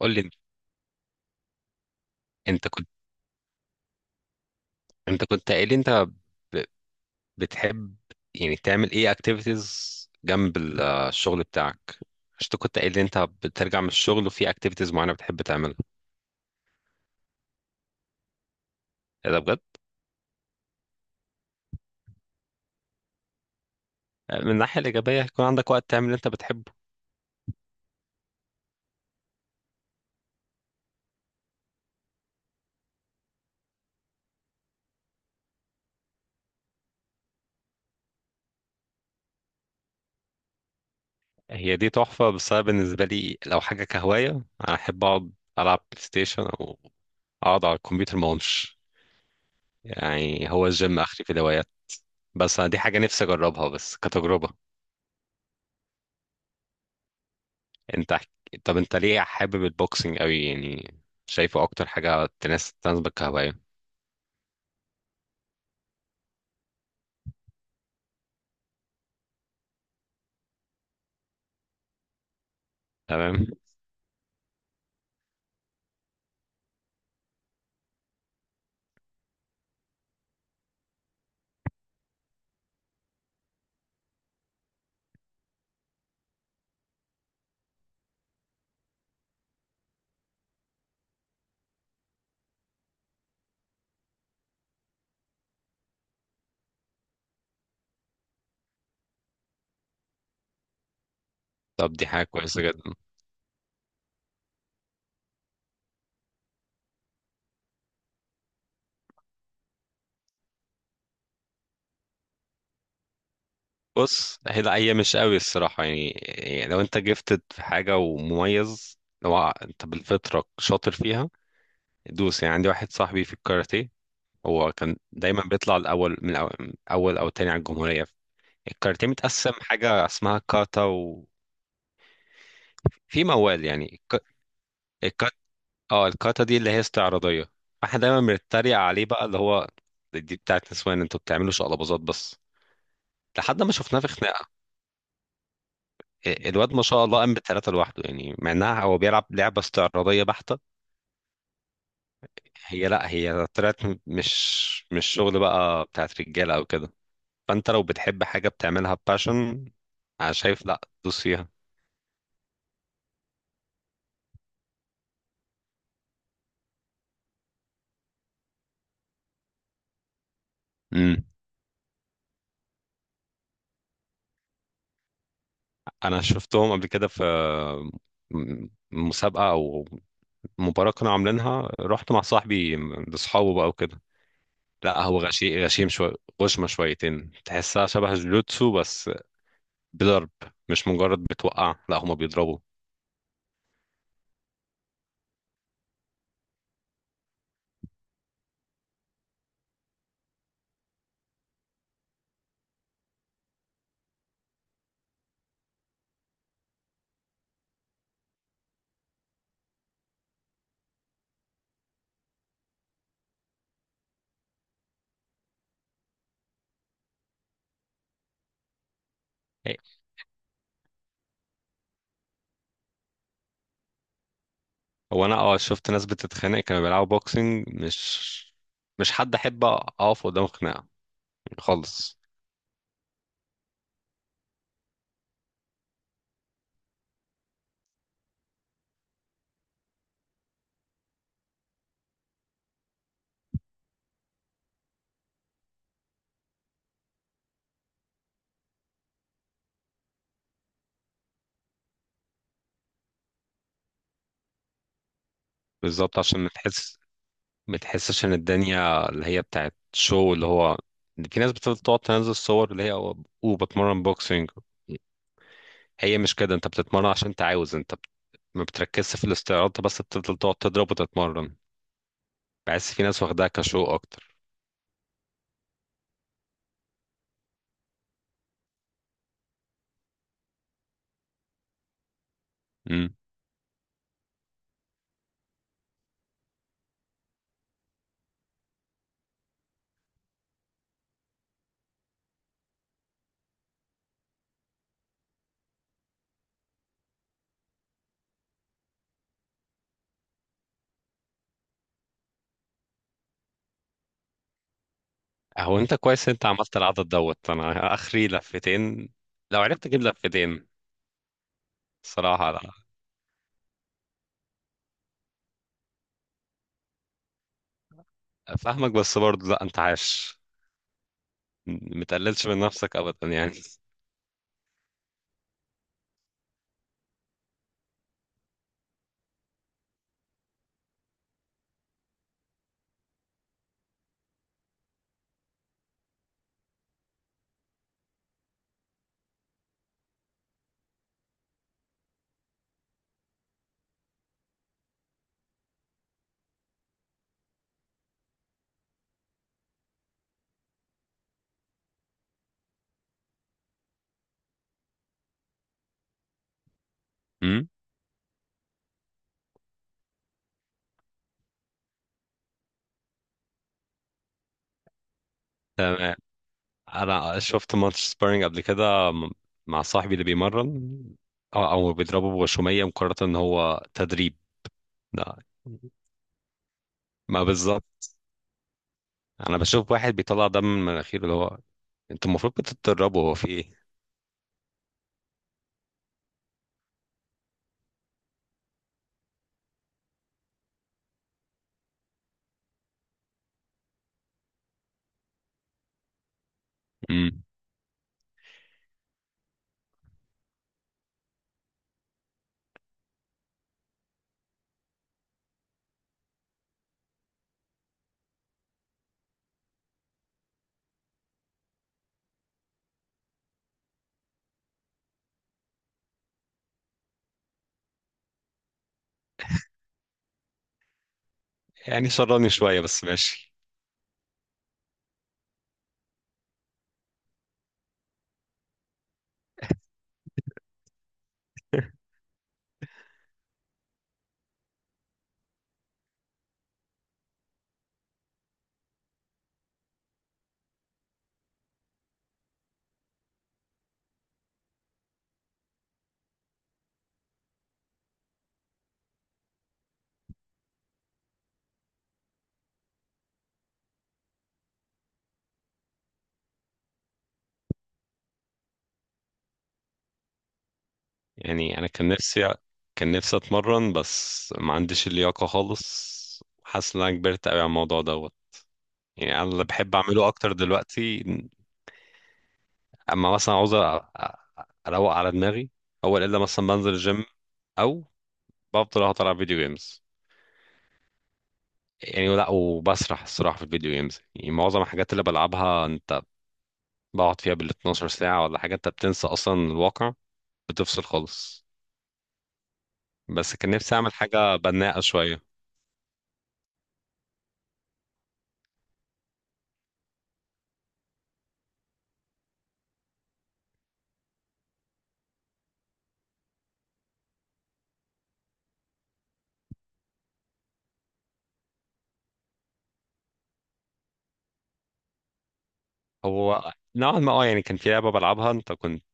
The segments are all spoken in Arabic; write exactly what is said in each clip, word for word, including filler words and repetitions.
قول لي. انت كنت انت كنت قايل لي انت ب- بتحب يعني تعمل ايه اكتيفيتيز جنب ال- الشغل بتاعك؟ مش انت كنت قايل لي انت بترجع من الشغل وفي اكتيفيتيز معينه بتحب تعملها؟ ايه ده بجد؟ من الناحيه الايجابيه هيكون عندك وقت تعمل اللي انت بتحبه. هي دي تحفه، بس انا بالنسبه لي لو حاجه كهوايه، انا احب اقعد العب بلاي ستيشن او اقعد على الكمبيوتر ما اقومش، يعني هو الجيم اخري في الهوايات. بس انا دي حاجه نفسي اجربها بس كتجربه. انت حك... طب انت ليه حابب البوكسنج قوي يعني؟ شايفه اكتر حاجه تناسب تناسبك كهوايه؟ تمام. طب دي حاجه كويسه جدا. بص هي لا هي مش قوي الصراحه، يعني يعني لو انت جيفتد في حاجه ومميز، لو انت بالفطره شاطر فيها دوس يعني. عندي واحد صاحبي في الكاراتيه، هو كان دايما بيطلع الاول من أو- اول او تاني على الجمهوريه. الكاراتيه متقسم حاجه اسمها كاتا، وفي موال يعني. اه الكاتا دي اللي هي استعراضية، احنا دايما بنتريق عليه بقى اللي هو دي بتاعت نسوان انتوا بتعملوا شقلباظات بس، لحد ما شفناه في خناقة. ال- الواد ما شاء الله قام بثلاثة لوحده، يعني مع انها هو بيلعب لعبة استعراضية بحتة. هي لا هي طلعت م- مش مش شغل بقى بتاعت رجالة او كده. فانت لو بتحب حاجة بتعملها باشن، انا شايف لا دوس فيها. امم. انا شفتهم قبل كده في م- مسابقة او مباراة كانوا عاملينها، رحت مع صاحبي لاصحابه بقى وكده. لا هو غشيم غشيم شوية، غشمة شويتين، تحسها شبه الجلوتسو بس، بضرب، مش مجرد بتوقع، لا هما بيضربوا. إيه. هو انا اه شفت ناس بتتخانق كانوا بيلعبوا بوكسنج، مش مش حد احب اقف قدام خناقة خالص. بالظبط عشان ما تحس ما تحسش ان الدنيا اللي هي بتاعت شو اللي هو في ناس بتفضل تقعد تنزل صور اللي هي وبتمرن بوكسنج. هي مش كده، انت بتتمرن عشان انت عاوز، انت بت- ما بتركزش في الاستعراض، انت بس بتفضل تقعد تضرب وتتمرن. بحس في ناس واخداها كشو اكتر. امم. هو انت كويس انت عملت العدد دوت، انا اخري لفتين. لو عرفت اجيب لفتين الصراحه لا. فاهمك بس برضه لا انت عاش، متقللش من نفسك ابدا يعني. امم. تمام. انا شفت ماتش سبارينج قبل كده م- مع صاحبي اللي بيمرن، او أو بيضربه بغشوميه مقارنه ان هو تدريب؟ لا. ما بالظبط. انا بشوف واحد بيطلع دم من مناخيره اللي هو انتوا المفروض بتتدربوا، هو في ايه؟ يعني شراني شوية بس ماشي. يعني أنا كان نفسي كان نفسي أتمرن بس ما عنديش اللياقة خالص، حاسس إن أنا كبرت أوي على الموضوع دوت. يعني أنا اللي بحب أعمله أكتر دلوقتي، أما مثلا عاوز أ- أ- أروق على دماغي، أول إلا مثلا بنزل الجيم، أو بفضل أقعد ألعب فيديو جيمز. يعني لا وبسرح الصراحة في الفيديو جيمز، يعني معظم الحاجات اللي بلعبها أنت بقعد فيها بال اثنا عشر ساعة ولا حاجة، أنت بتنسى أصلا الواقع، بتفصل خالص. بس كان نفسي أعمل حاجة بناءة شوية. هو نوعا ما اه يعني كان في لعبة بلعبها انت كنت،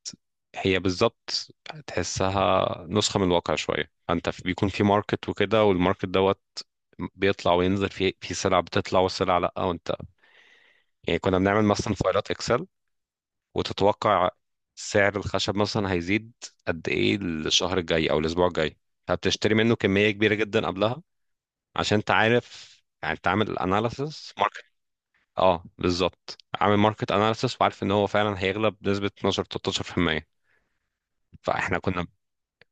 هي بالظبط، تحسها نسخة من الواقع شوية، انت في- بيكون في ماركت وكده، والماركت دوت بيطلع وينزل، في في سلع بتطلع وسلع لا، وانت يعني كنا بنعمل مثلا فايلات اكسل وتتوقع سعر الخشب مثلا هيزيد قد ايه الشهر الجاي او الاسبوع الجاي، فبتشتري منه كمية كبيرة جدا قبلها عشان انت عارف يعني انت عامل اناليسس ماركت. اه بالظبط عامل ماركت اناليسس وعارف ان هو فعلا هيغلب بنسبة اتناشر تلتاشر في المية. فاحنا كنا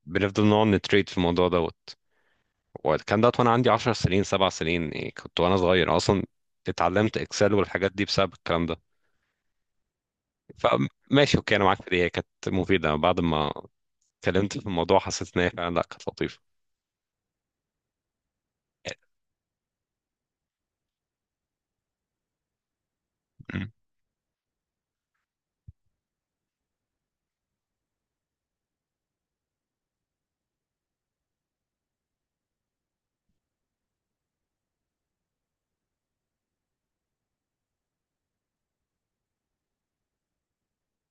بنفضل نقعد نتريد في الموضوع دوت، وكان دوت وانا عندي 10 سنين 7 سنين يعني، كنت وانا صغير اصلا اتعلمت اكسل والحاجات دي بسبب الكلام ده. فماشي اوكي انا معاك في دي، هي كانت مفيده، بعد ما اتكلمت في الموضوع حسيت ان هي فعلا لا كانت لطيفه. أمم،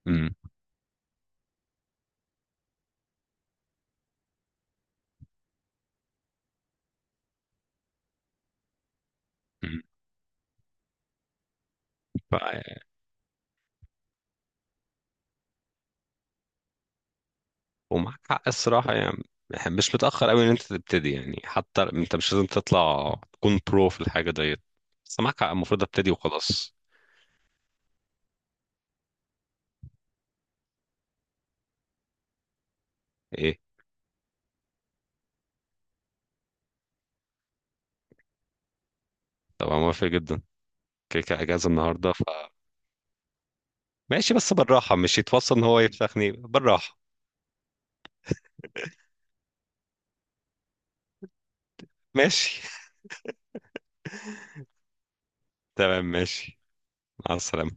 أمم، أمم. ف... ومعاك حق الصراحه يعني، مش متاخر قوي ان انت تبتدي يعني، حتى انت مش لازم تطلع تكون برو في الحاجه ديت، بس معاك حق المفروض ابتدي وخلاص. ايه. طبعا موافق جدا. كده كده اجازه النهارده. ماشي بس بالراحة، مش يتوصل ان هو يفسخني، بالراحة. ماشي تمام ماشي. مع السلامة.